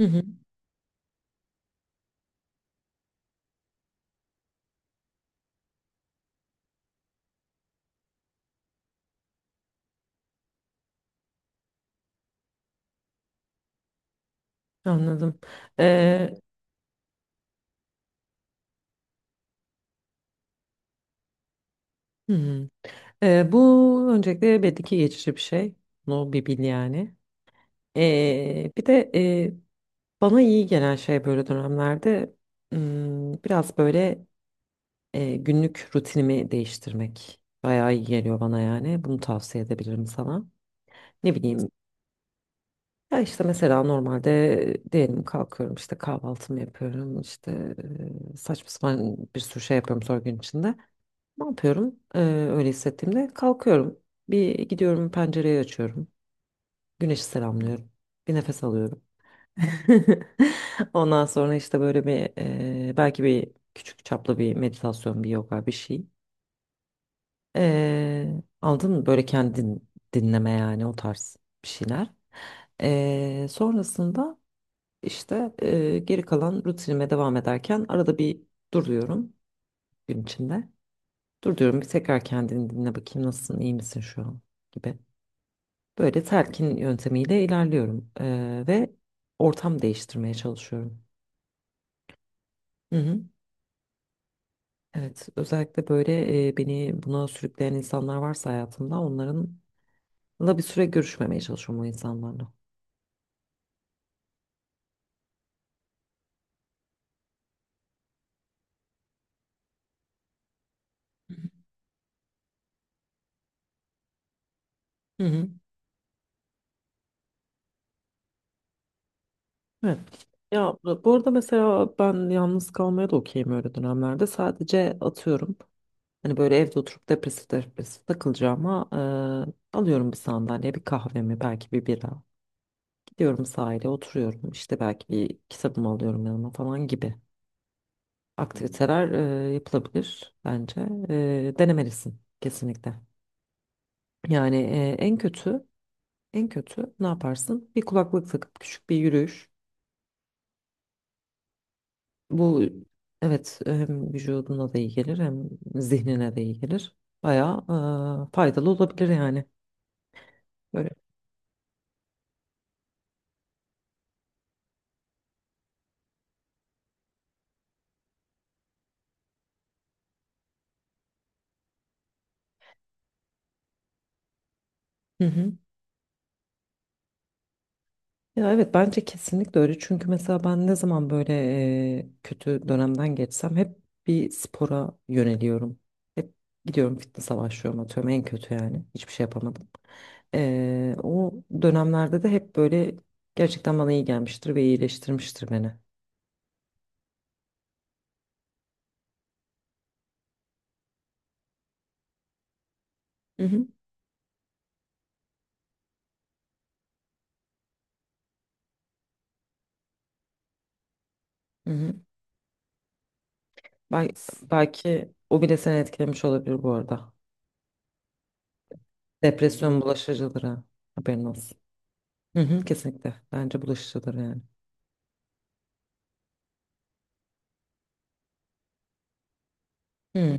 Hı hı, anladım. Ee, hı hı. Bu öncelikle belli ki geçici bir şey. No bir bil yani. Bir de bana iyi gelen şey böyle dönemlerde biraz böyle günlük rutinimi değiştirmek. Bayağı iyi geliyor bana yani. Bunu tavsiye edebilirim sana. Ne bileyim ya işte mesela normalde diyelim kalkıyorum işte kahvaltımı yapıyorum işte saçma sapan bir sürü şey yapıyorum sonra gün içinde. Ne yapıyorum? Öyle hissettiğimde kalkıyorum. Bir gidiyorum pencereyi açıyorum. Güneşi selamlıyorum. Bir nefes alıyorum. Ondan sonra işte böyle bir belki bir küçük çaplı bir meditasyon, bir yoga bir şey. Ee, aldın mı böyle kendin dinleme yani o tarz bir şeyler. Sonrasında işte geri kalan rutinime devam ederken arada bir duruyorum gün içinde. Dur diyorum bir tekrar kendini dinle bakayım nasılsın, iyi misin şu an gibi. Böyle telkin yöntemiyle ilerliyorum. Ve ortam değiştirmeye çalışıyorum. Hı hı. Evet, özellikle böyle beni buna sürükleyen insanlar varsa hayatımda onlarınla bir süre görüşmemeye çalışıyorum o insanlarla. Hı hı. Evet. Ya bu arada mesela ben yalnız kalmaya da okeyim öyle dönemlerde. Sadece atıyorum. Hani böyle evde oturup depresif depresif takılacağıma alıyorum bir sandalye, bir kahvemi, belki bir bira. Diyorum sahile oturuyorum işte belki bir kitabımı alıyorum yanıma falan gibi. Aktiviteler yapılabilir bence. Denemelisin kesinlikle. Yani en kötü ne yaparsın? Bir kulaklık takıp küçük bir yürüyüş. Bu evet hem vücuduna da iyi gelir hem zihnine de iyi gelir. Bayağı faydalı olabilir yani. Böyle. Hı hı. Ya evet bence kesinlikle öyle. Çünkü mesela ben ne zaman böyle kötü dönemden geçsem hep bir spora yöneliyorum. Hep gidiyorum fitness'a başlıyorum atıyorum en kötü yani. Hiçbir şey yapamadım. O dönemlerde de hep böyle gerçekten bana iyi gelmiştir ve iyileştirmiştir beni. Hı hı. Hı hı. Bel- belki o bile seni etkilemiş olabilir bu arada. Depresyon bulaşıcıdır ha. Haberin olsun. Hı hı, kesinlikle. Bence bulaşıcıdır yani. Hı hı.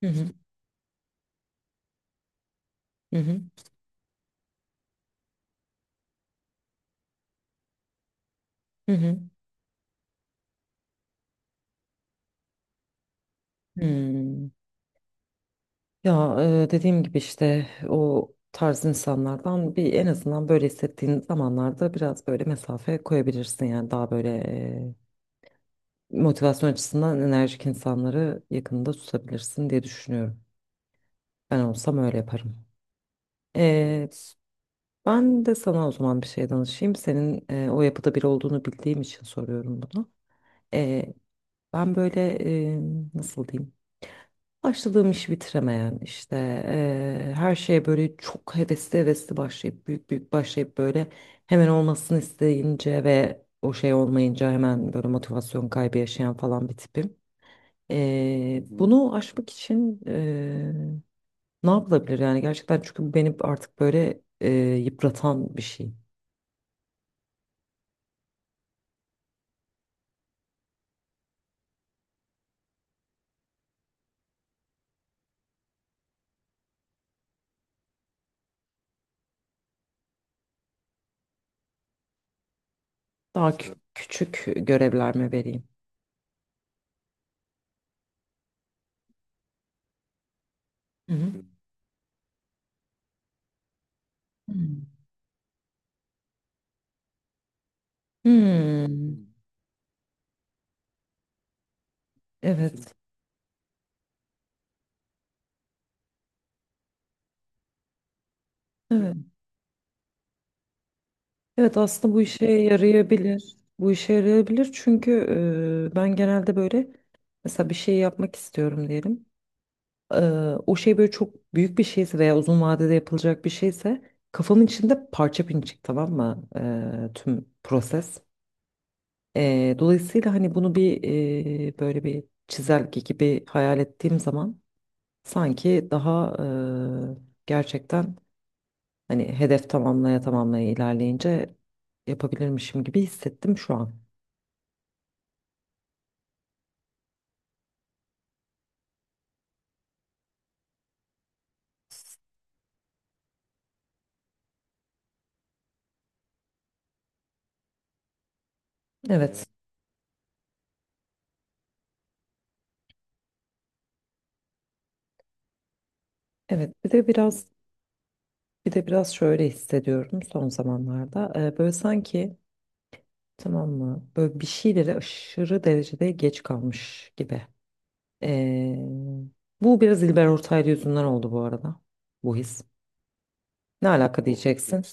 Hı hı. Hı hı. Hı hı. Hmm. Ya dediğim gibi işte o tarz insanlardan bir en azından böyle hissettiğin zamanlarda biraz böyle mesafe koyabilirsin yani daha böyle motivasyon açısından enerjik insanları yakında tutabilirsin diye düşünüyorum. Ben olsam öyle yaparım. E, ben de sana o zaman bir şey danışayım. Senin o yapıda biri olduğunu bildiğim için soruyorum bunu. E, ben böyle e, nasıl diyeyim? Başladığım işi bitiremeyen işte her şeye böyle çok hevesli hevesli başlayıp büyük büyük başlayıp böyle hemen olmasını isteyince ve o şey olmayınca hemen böyle motivasyon kaybı yaşayan falan bir tipim. Bunu aşmak için ne yapılabilir yani gerçekten çünkü bu beni artık böyle yıpratan bir şey. Daha küçük görevler mi vereyim? Hı hı. Hmm. Evet, evet. Evet aslında bu işe yarayabilir. Bu işe yarayabilir çünkü ben genelde böyle mesela bir şey yapmak istiyorum diyelim. E, o şey böyle çok büyük bir şeyse veya uzun vadede yapılacak bir şeyse kafamın içinde parça pinçik tamam mı? Tüm proses. Dolayısıyla hani bunu bir böyle bir çizelge gibi hayal ettiğim zaman sanki daha gerçekten hani hedef tamamlaya tamamlaya ilerleyince yapabilirmişim gibi hissettim şu an. Evet, evet. Bir de biraz şöyle hissediyorum son zamanlarda. Böyle sanki tamam mı? Böyle bir şeylere aşırı derecede geç kalmış gibi. Ee, bu biraz İlber Ortaylı yüzünden oldu bu arada. Bu his. Ne alaka diyeceksin?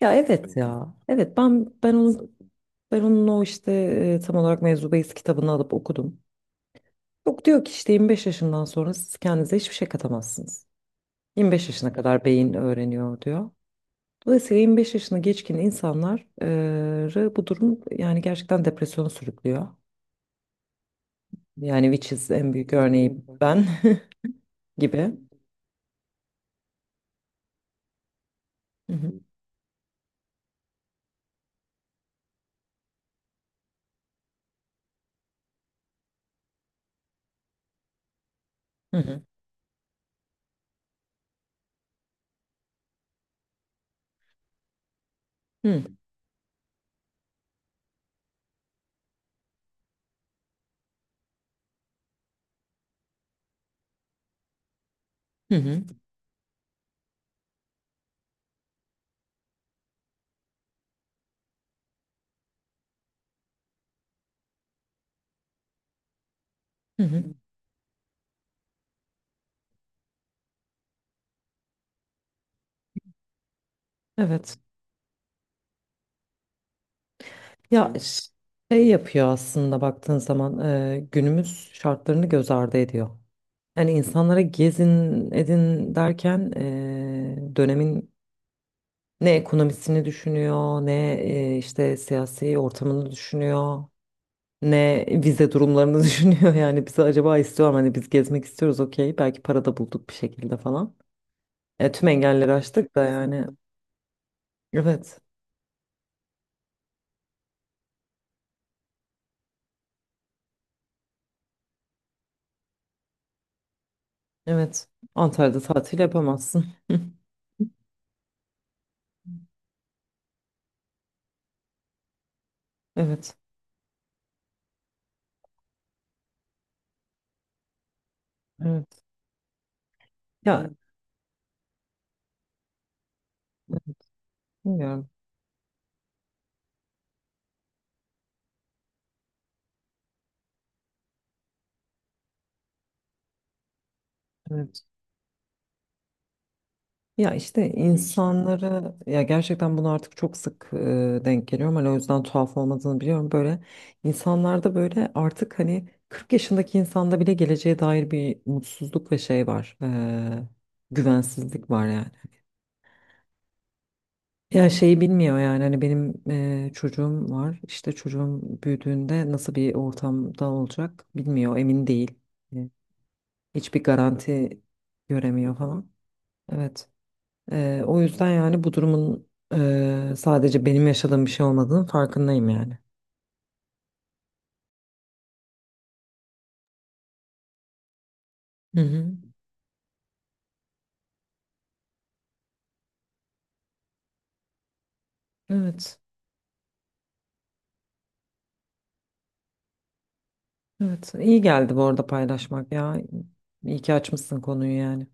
Ya evet ya. Evet ben onun o işte tam olarak Mevzu Beyiz kitabını alıp okudum. Yok diyor ki işte 25 yaşından sonra siz kendinize hiçbir şey katamazsınız. 25 yaşına kadar beyin öğreniyor diyor. Dolayısıyla 25 yaşını geçkin insanları bu durum yani gerçekten depresyona sürüklüyor. Yani which is en büyük örneği ben gibi. Hı hı, hı hı, hı hı, hı hı. Hı. Evet. Ya şey yapıyor aslında baktığın zaman günümüz şartlarını göz ardı ediyor. Yani insanlara gezin edin derken dönemin ne ekonomisini düşünüyor, ne işte siyasi ortamını düşünüyor, ne vize durumlarını düşünüyor. Yani bizi acaba istiyor mu? Hani biz gezmek istiyoruz okey. Belki para da bulduk bir şekilde falan. Tüm engelleri aştık da yani. Evet, evet. Antalya'da tatil yapamazsın. Evet, evet. Ya bilmiyorum. Ya işte insanları ya gerçekten bunu artık çok sık denk geliyorum. Hani o yüzden tuhaf olmadığını biliyorum. Böyle insanlarda böyle artık hani 40 yaşındaki insanda bile geleceğe dair bir mutsuzluk ve şey var. Güvensizlik var yani. Ya şeyi bilmiyor yani hani benim çocuğum var. İşte çocuğum büyüdüğünde nasıl bir ortamda olacak bilmiyor, emin değil. E, Hiçbir garanti göremiyor falan. Evet. O yüzden yani bu durumun sadece benim yaşadığım bir şey olmadığının farkındayım yani. Hı hı. Evet. Evet. İyi geldi bu arada paylaşmak ya. İyi ki açmışsın konuyu yani.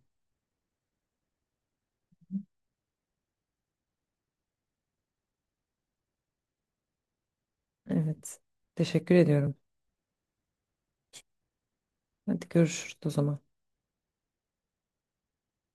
Evet. Teşekkür ediyorum. Hadi görüşürüz o zaman.